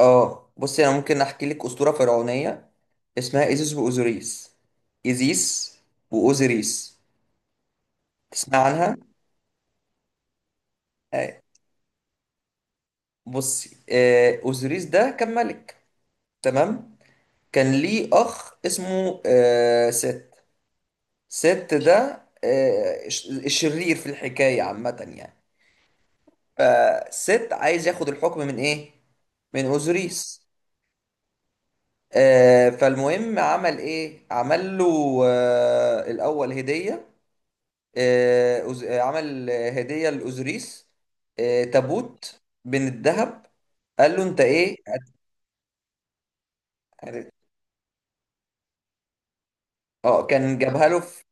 اه، بصي انا ممكن احكي لك اسطوره فرعونيه اسمها ايزيس واوزوريس. ايزيس واوزوريس. تسمع عنها؟ آه، بصي، اوزوريس ده كان ملك. تمام. كان ليه اخ اسمه ست. ست ده الشرير في الحكايه عامه يعني. فست عايز ياخد الحكم من اوزوريس. فالمهم عمل له الاول هديه. عمل هدية لأوزوريس، تابوت من الذهب. قال له انت ايه؟ هت- اه، كان جابها له في...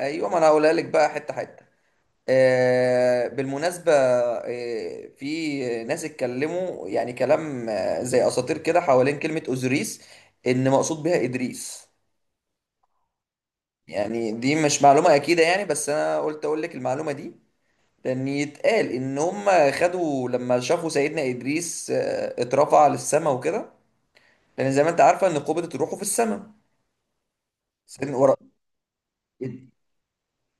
ايوه، ما انا هقولها لك بقى حته حته. بالمناسبه، في ناس اتكلموا يعني كلام زي اساطير كده حوالين كلمه اوزوريس، ان مقصود بها ادريس. يعني دي مش معلومه اكيده يعني، بس انا قلت اقول لك المعلومه دي. لان يتقال ان هم خدوا لما شافوا سيدنا ادريس اترفع للسماء وكده. لان زي ما انت عارفه ان قبضه روحه في السماء. سيدنا ورا.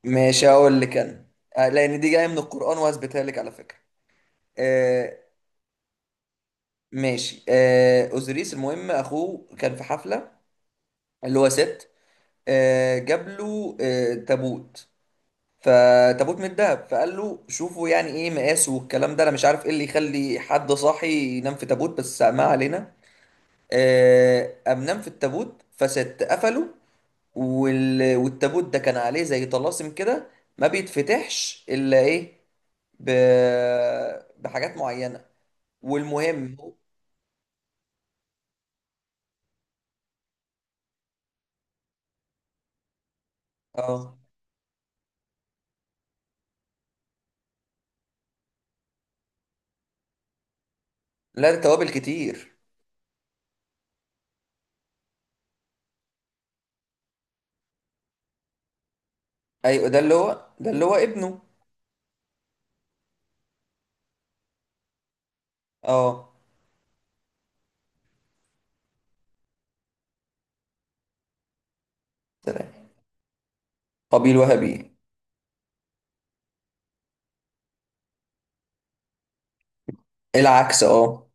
ماشي، هقول لك انا. لان دي جايه من القران وهثبتها لك على فكره. آه ماشي، اوزيريس. المهم اخوه كان في حفله، اللي هو ست. جاب له تابوت، فتابوت من الذهب. فقال له شوفوا يعني ايه مقاسه، والكلام ده. انا مش عارف ايه اللي يخلي حد صاحي ينام في تابوت، بس ما علينا. قام نام في التابوت، فست قفله. والتابوت ده كان عليه زي طلاسم كده، ما بيتفتحش الا ايه، ب... بحاجات معينه. والمهم هو- اه، لا، ده توابل كتير. ايوه، ده اللي هو ابنه. اه. سلام. قبيل وهابيل. العكس، اه.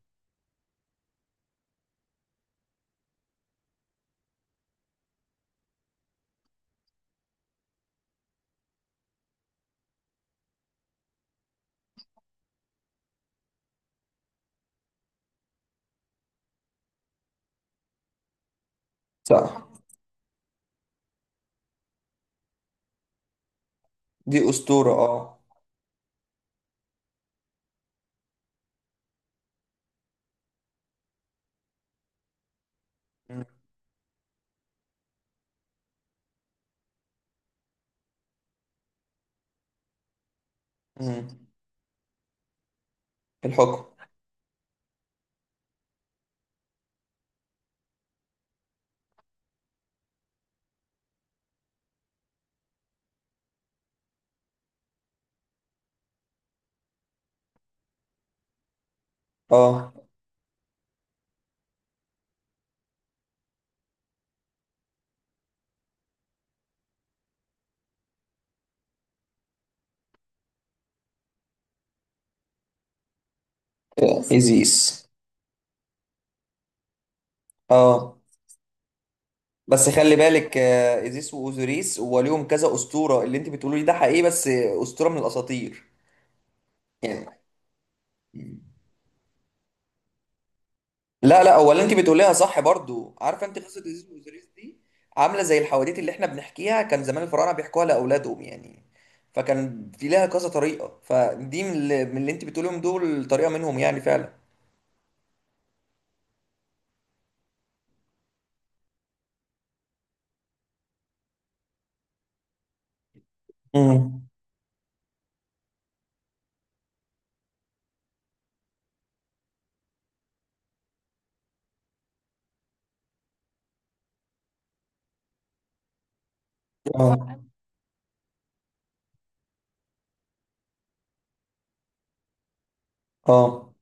صح. دي اسطوره، اه. مم. مم. الحكم. اه. ايزيس. اه، بس خلي بالك، ايزيس واوزوريس وليهم كذا اسطوره. اللي انت بتقوليه ده حقيقي، بس اسطوره من الاساطير يعني. لا، لا، هو اللي انت بتقوليها صح برضو. عارفه انت قصه ايزيس واوزوريس دي؟ عامله زي الحواديت اللي احنا بنحكيها. كان زمان الفراعنه بيحكوها لاولادهم يعني. فكان في لها كذا طريقه، فدي من اللي انت بتقوليهم دول، طريقه منهم يعني فعلا. امم. اه. اه.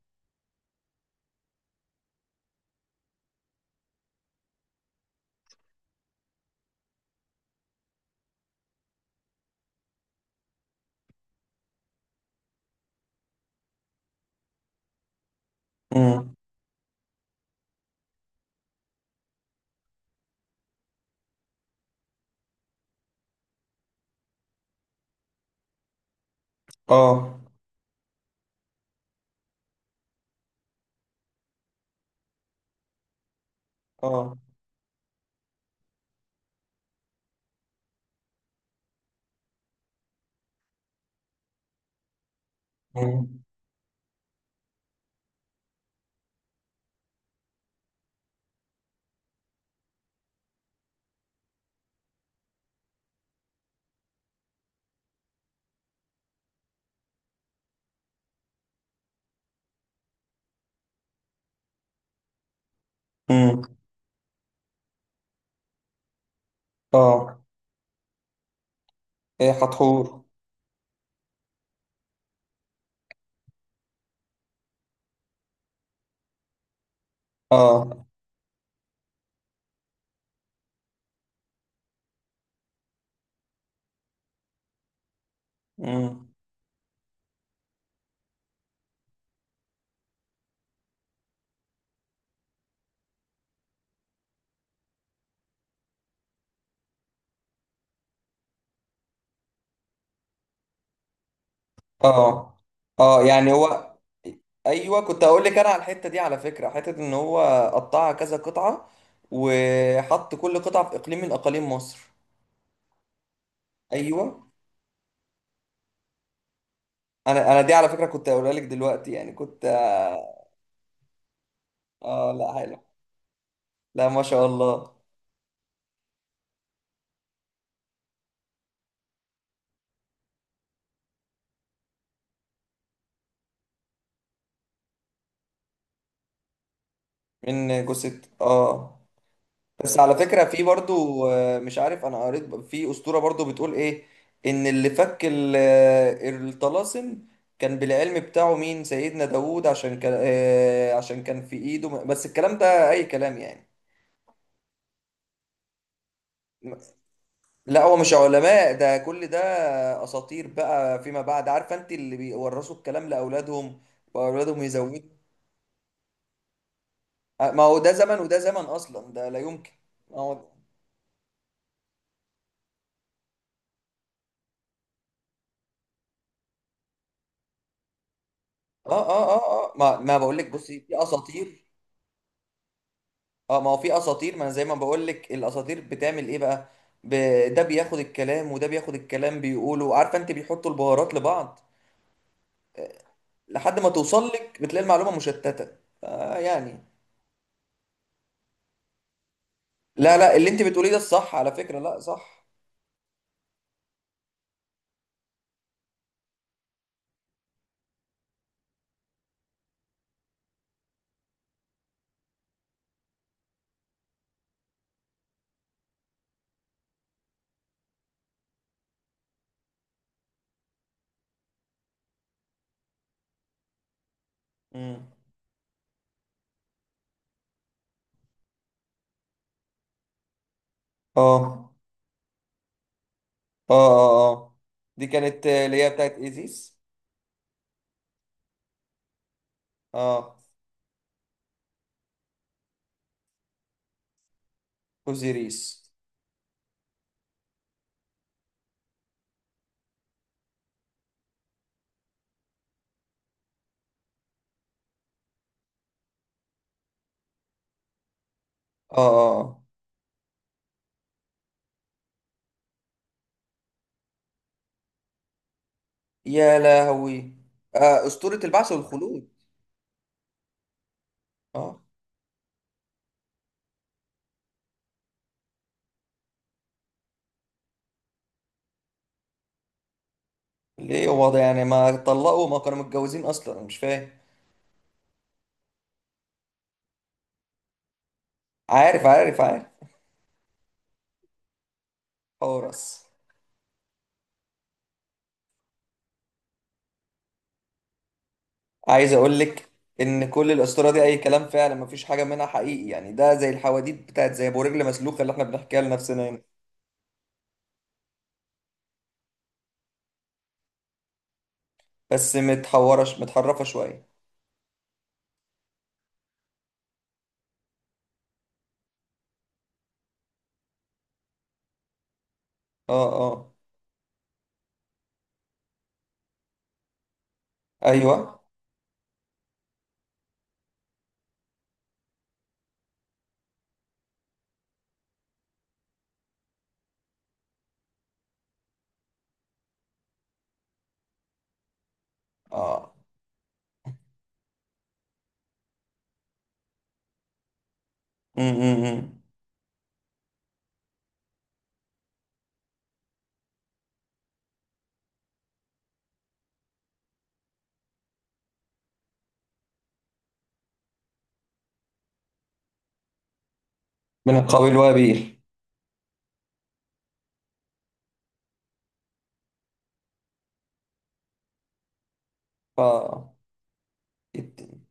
امم. اه. اه. امم. امم. اه. ايه، حتحور. اه. امم. اه. اه. يعني هو... ايوه، كنت هقول لك انا على الحته دي على فكره، حته ان هو قطعها كذا قطعه، وحط كل قطعه في اقليم من اقاليم مصر. ايوه. انا دي على فكره كنت هقولها لك دلوقتي يعني، كنت... اه، لا، حلو. لا، ما شاء الله. من جثه، اه. بس على فكرة، في برضو مش عارف، انا قريت في أسطورة برضو بتقول ايه. ان اللي فك الطلاسم كان بالعلم بتاعه مين؟ سيدنا داوود. عشان كان في ايده بس الكلام ده اي كلام يعني. لا، هو مش علماء ده، كل ده اساطير بقى فيما بعد. عارفه انت، اللي بيورثوا الكلام لاولادهم، واولادهم يزودوا. ما هو ده زمن وده زمن، اصلا ده لا يمكن. ما هو... اه ما بقول لك، بصي، في اساطير. اه، ما هو في اساطير، ما انا زي ما بقول لك، الاساطير بتعمل ايه بقى؟ ب... ده بياخد الكلام وده بياخد الكلام بيقولوا. عارفه انت، بيحطوا البهارات لبعض لحد ما توصل لك بتلاقي المعلومه مشتته. يعني... لا، لا، اللي انت بتقوليه ده الصح على فكره، لا، صح. امم. اه. اه. اه. اه. دي كانت اللي هي بتاعت ايزيس. اه، اوزيريس. اه. اه. آه. يا لهوي. اسطوره البعث والخلود. اه. ليه هو ده يعني؟ ما طلقوا؟ ما كانوا متجوزين اصلا؟ أنا مش فاهم. عارف، عارف، عارف. حورس. عايز اقول لك ان كل الاسطوره دي اي كلام فعلا، مفيش حاجه منها حقيقي يعني. ده زي الحواديت بتاعت زي ابو رجل مسلوخه اللي احنا بنحكيها لنفسنا هنا، بس متحرفه شويه. اه. اه. ايوه. اه. م -م -م. من القبيل وابيل. اه، جدا.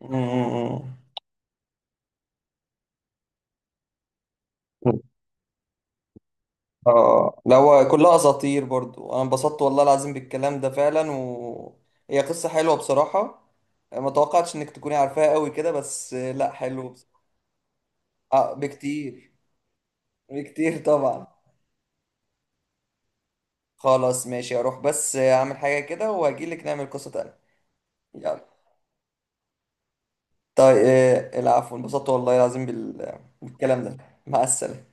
م- م- م. اه، ده هو كلها اساطير برضو. انا انبسطت والله العظيم بالكلام ده فعلا، و... هي قصة حلوة بصراحة. ما توقعتش انك تكوني عارفاها قوي كده، بس لا، حلو. اه، بكتير، بكتير طبعا. خلاص، ماشي، اروح بس اعمل حاجة كده واجيلك نعمل قصة تانية. يلا. طيب، العفو. انبسطت والله العظيم بالكلام ده. مع السلامة.